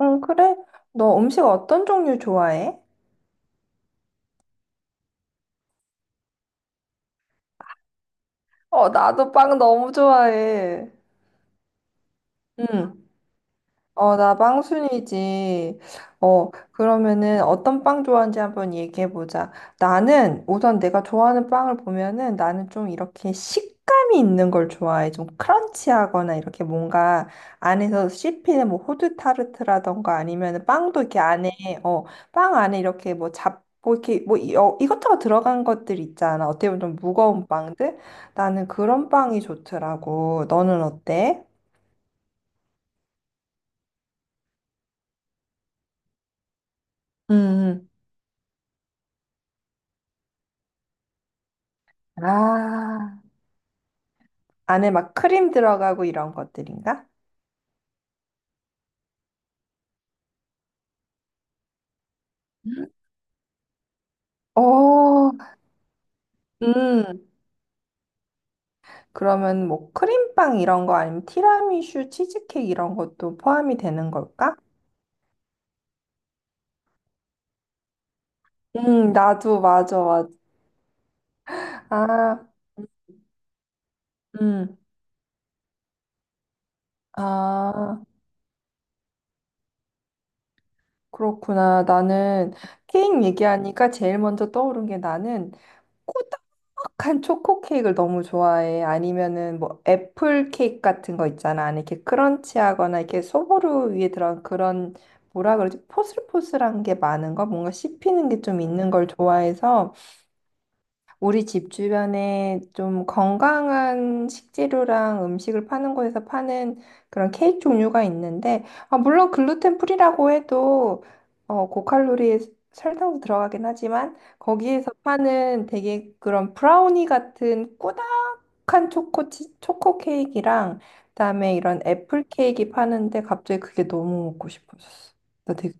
응, 그래? 너 음식 어떤 종류 좋아해? 어, 나도 빵 너무 좋아해. 응. 어, 나 빵순이지. 어, 그러면은 어떤 빵 좋아하는지 한번 얘기해 보자. 나는 우선 내가 좋아하는 빵을 보면은 나는 좀 이렇게 식감이 있는 걸 좋아해. 좀 크런치하거나 이렇게 뭔가 안에서 씹히는 뭐 호두 타르트라던가 아니면은 빵도 이렇게 안에 어, 빵 안에 이렇게 뭐 고 이렇게 뭐 이것저것 들어간 것들 있잖아. 어떻게 보면 좀 무거운 빵들? 나는 그런 빵이 좋더라고. 너는 어때? 음. 아. 안에 막 크림 들어가고 이런 것들인가? 오. 음. 그러면 뭐 크림빵 이런 거 아니면 티라미슈, 치즈케이크 이런 것도 포함이 되는 걸까? 나도 맞아, 맞아. 아, 음. 아, 그렇구나. 나는 케이크 얘기하니까 제일 먼저 떠오른 게 나는 촉촉한 초코 케이크를 너무 좋아해. 아니면은 뭐 애플 케이크 같은 거 있잖아. 안에 이렇게 크런치하거나 이렇게 소보루 위에 들어간 그런, 뭐라 그러지? 포슬포슬한 게 많은 거? 뭔가 씹히는 게 좀 있는 걸 좋아해서 우리 집 주변에 좀 건강한 식재료랑 음식을 파는 곳에서 파는 그런 케이크 종류가 있는데, 아, 물론 글루텐 프리라고 해도 어, 고칼로리에 설탕도 들어가긴 하지만 거기에서 파는 되게 그런 브라우니 같은 꾸덕한 초코 케이크랑 그다음에 이런 애플 케이크 파는데 갑자기 그게 너무 먹고 싶어졌어. 나 되게.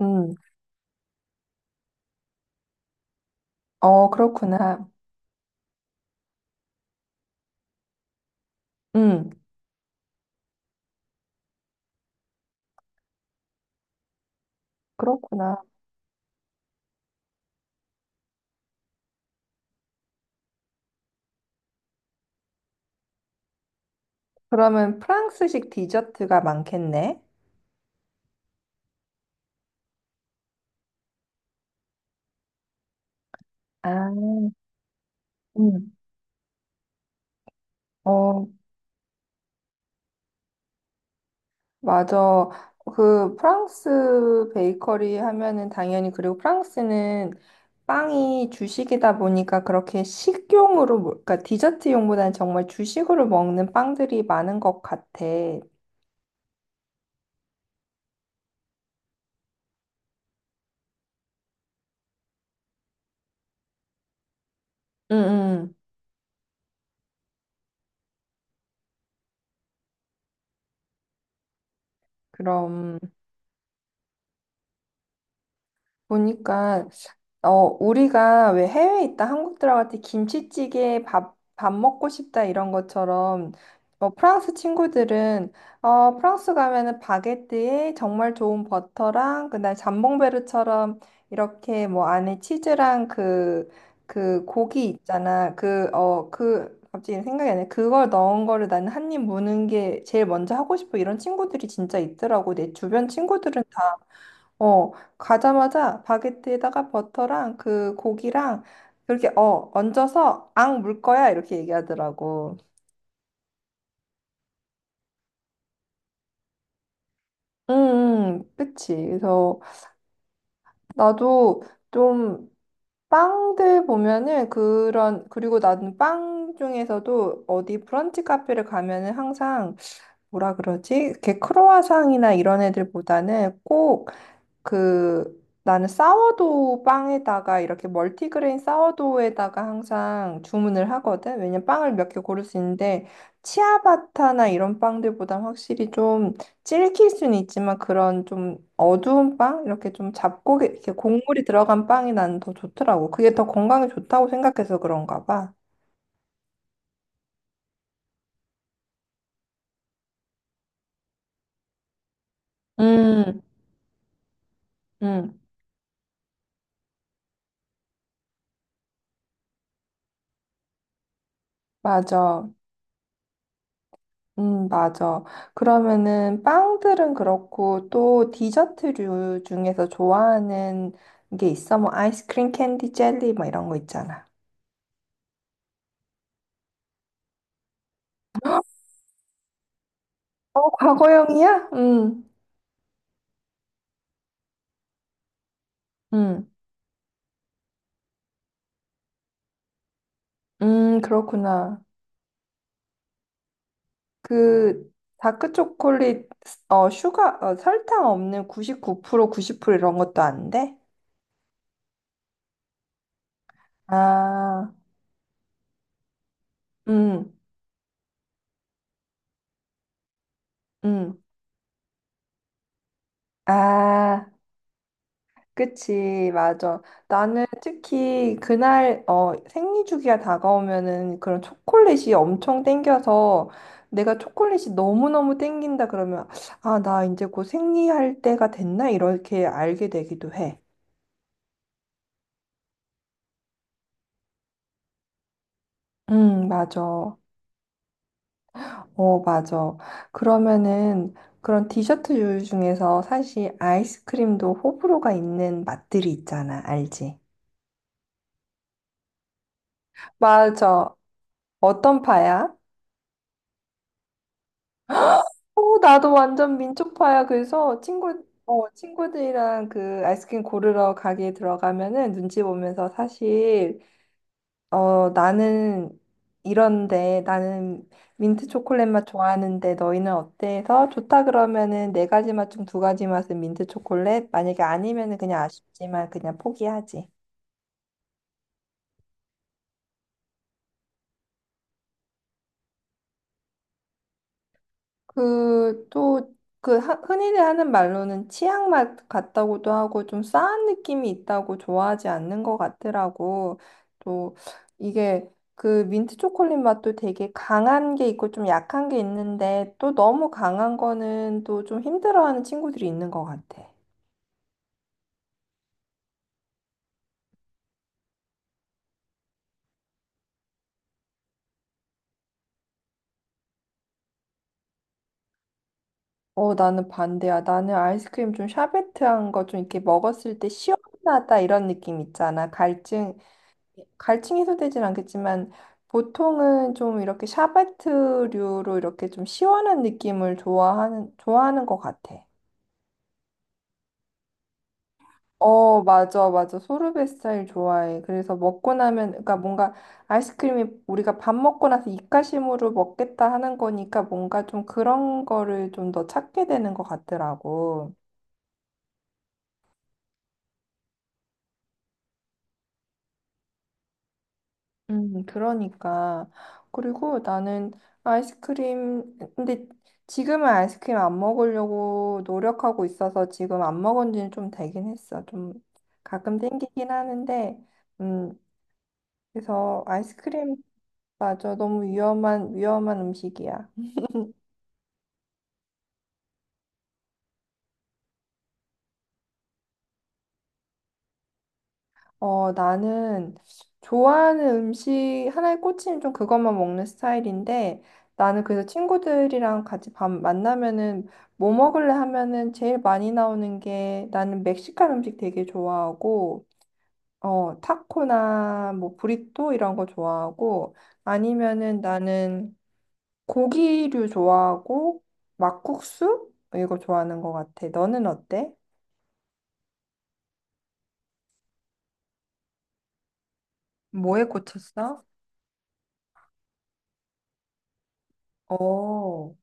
음, 어, 그렇구나. 음, 그렇구나. 그러면 프랑스식 디저트가 많겠네. 아, 음. 어, 맞아. 그 프랑스 베이커리 하면은 당연히, 그리고 프랑스는 빵이 주식이다 보니까 그렇게 식용으로, 그러니까 디저트용보다는 정말 주식으로 먹는 빵들이 많은 것 같아. 응, 응. 그럼. 보니까 어, 우리가 왜 해외에 있다 한국 들어갈 때 김치찌개 밥 먹고 싶다 이런 것처럼 어, 프랑스 친구들은 어, 프랑스 가면은 바게트에 정말 좋은 버터랑 그날 잠봉베르처럼 이렇게 뭐 안에 치즈랑 그, 그 고기 있잖아. 그 어, 그 갑자기 생각이 안 나. 그걸 넣은 거를 나는 한 입 무는 게 제일 먼저 하고 싶어. 이런 친구들이 진짜 있더라고. 내 주변 친구들은 다 어, 가자마자 바게트에다가 버터랑 그 고기랑 이렇게 어, 얹어서 앙 물 거야, 이렇게 얘기하더라고. 응. 그치. 그래서 나도 좀 빵들 보면은 그런, 그리고 나는 빵 중에서도 어디 브런치 카페를 가면은 항상, 뭐라 그러지? 이렇게 크로와상이나 이런 애들보다는 꼭 그, 나는 사워도우 빵에다가 이렇게 멀티그레인 사워도우에다가 항상 주문을 하거든. 왜냐면 빵을 몇 개 고를 수 있는데 치아바타나 이런 빵들보단 확실히 좀 질길 수는 있지만 그런 좀 어두운 빵 이렇게 좀 잡고 에 이렇게 곡물이 들어간 빵이 나는 더 좋더라고. 그게 더 건강에 좋다고 생각해서 그런가 봐. 음, 음, 맞아. 맞아. 그러면은 빵들은 그렇고 또 디저트류 중에서 좋아하는 게 있어? 뭐 아이스크림, 캔디, 젤리 뭐 이런 거 있잖아. 어, 과거형이야? 음, 그렇구나. 그 다크 초콜릿, 어, 슈가, 어, 설탕 없는 99%, 90% 이런 것도 안 돼? 아, 음, 음, 아. 그치, 맞아. 나는 특히 그날 어, 생리 주기가 다가오면은 그런 초콜릿이 엄청 땡겨서 내가 초콜릿이 너무너무 땡긴다 그러면 아, 나 이제 곧 생리할 때가 됐나? 이렇게 알게 되기도 해. 맞아. 어, 맞아. 그러면은 그런 디저트 요리 중에서 사실 아이스크림도 호불호가 있는 맛들이 있잖아. 알지? 맞아. 어떤 파야? 어, 나도 완전 민초파야. 그래서 친구, 어, 친구들이랑 그 아이스크림 고르러 가게 들어가면은 눈치 보면서 사실, 어, 나는 이런데, 나는 민트 초콜릿 맛 좋아하는데 너희는 어때? 해서 좋다 그러면은 네 가지 맛 중 두 가지 맛은 민트 초콜릿? 만약에 아니면은 그냥 아쉽지만 그냥 포기하지. 그, 또, 그, 흔히들 하는 말로는 치약 맛 같다고도 하고 좀 싸한 느낌이 있다고 좋아하지 않는 것 같더라고. 또, 이게 그 민트 초콜릿 맛도 되게 강한 게 있고 좀 약한 게 있는데 또 너무 강한 거는 또 좀 힘들어하는 친구들이 있는 것 같아. 어, 나는 반대야. 나는 아이스크림 좀 샤베트한 거 좀 이렇게 먹었을 때 시원하다 이런 느낌 있잖아. 갈증 해소되진 않겠지만 보통은 좀 이렇게 샤베트류로 이렇게 좀 시원한 느낌을 좋아하는 것 같아. 어, 맞아, 맞아. 소르베 스타일 좋아해. 그래서 먹고 나면, 그러니까 뭔가 아이스크림이 우리가 밥 먹고 나서 입가심으로 먹겠다 하는 거니까 뭔가 좀 그런 거를 좀 더 찾게 되는 것 같더라고. 그러니까. 그리고 나는 아이스크림, 근데 지금은 아이스크림 안 먹으려고 노력하고 있어서 지금 안 먹은 지는 좀 되긴 했어. 좀 가끔 땡기긴 하는데, 음, 그래서 아이스크림, 맞아. 너무 위험한, 위험한 음식이야. 어, 나는 좋아하는 음식, 하나에 꽂히면 좀 그것만 먹는 스타일인데, 나는 그래서 친구들이랑 같이 밥 만나면은 뭐 먹을래 하면은 제일 많이 나오는 게 나는 멕시칸 음식 되게 좋아하고, 어, 타코나 뭐 브리또 이런 거 좋아하고, 아니면은 나는 고기류 좋아하고, 막국수? 이거 좋아하는 것 같아. 너는 어때? 뭐에 꽂혔어? 어.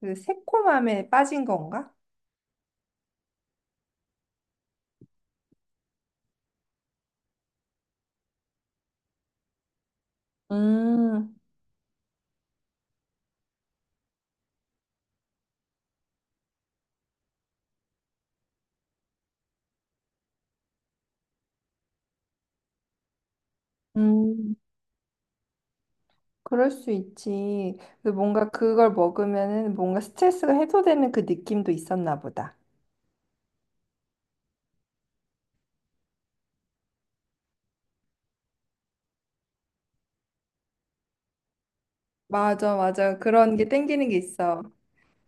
그 새콤함에 빠진 건가? 음, 음, 그럴 수 있지. 그 뭔가 그걸 먹으면은 뭔가 스트레스가 해소되는 그 느낌도 있었나 보다. 맞아, 맞아. 그런 게 땡기는 게 있어.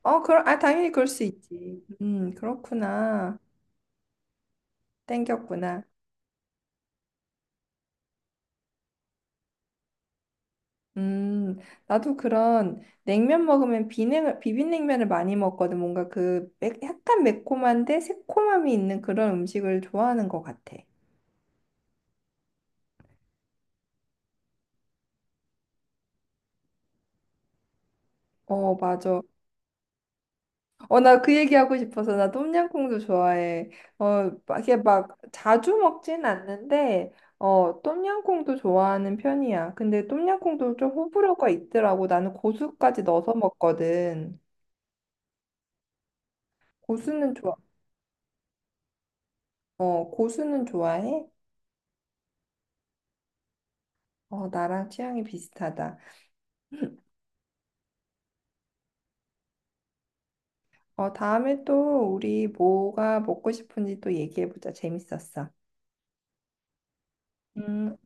어, 그럼, 아, 당연히 그럴 수 있지. 그렇구나. 땡겼구나. 음, 나도 그런 냉면 먹으면 비냉, 비빔냉면을 많이 먹거든. 뭔가 그 매, 약간 매콤한데 새콤함이 있는 그런 음식을 좋아하는 것 같아. 어, 맞아. 어, 나 그 얘기하고 싶어서 나 똠양꿍도 좋아해. 어, 막 이게 막 자주 먹진 않는데, 어, 똠양꿍도 좋아하는 편이야. 근데 똠양꿍도 좀 호불호가 있더라고. 나는 고수까지 넣어서 먹거든. 고수는 좋아, 어, 고수는 좋아해? 어, 나랑 취향이 비슷하다. 어, 다음에 또 우리 뭐가 먹고 싶은지 또 얘기해보자. 재밌었어. 음,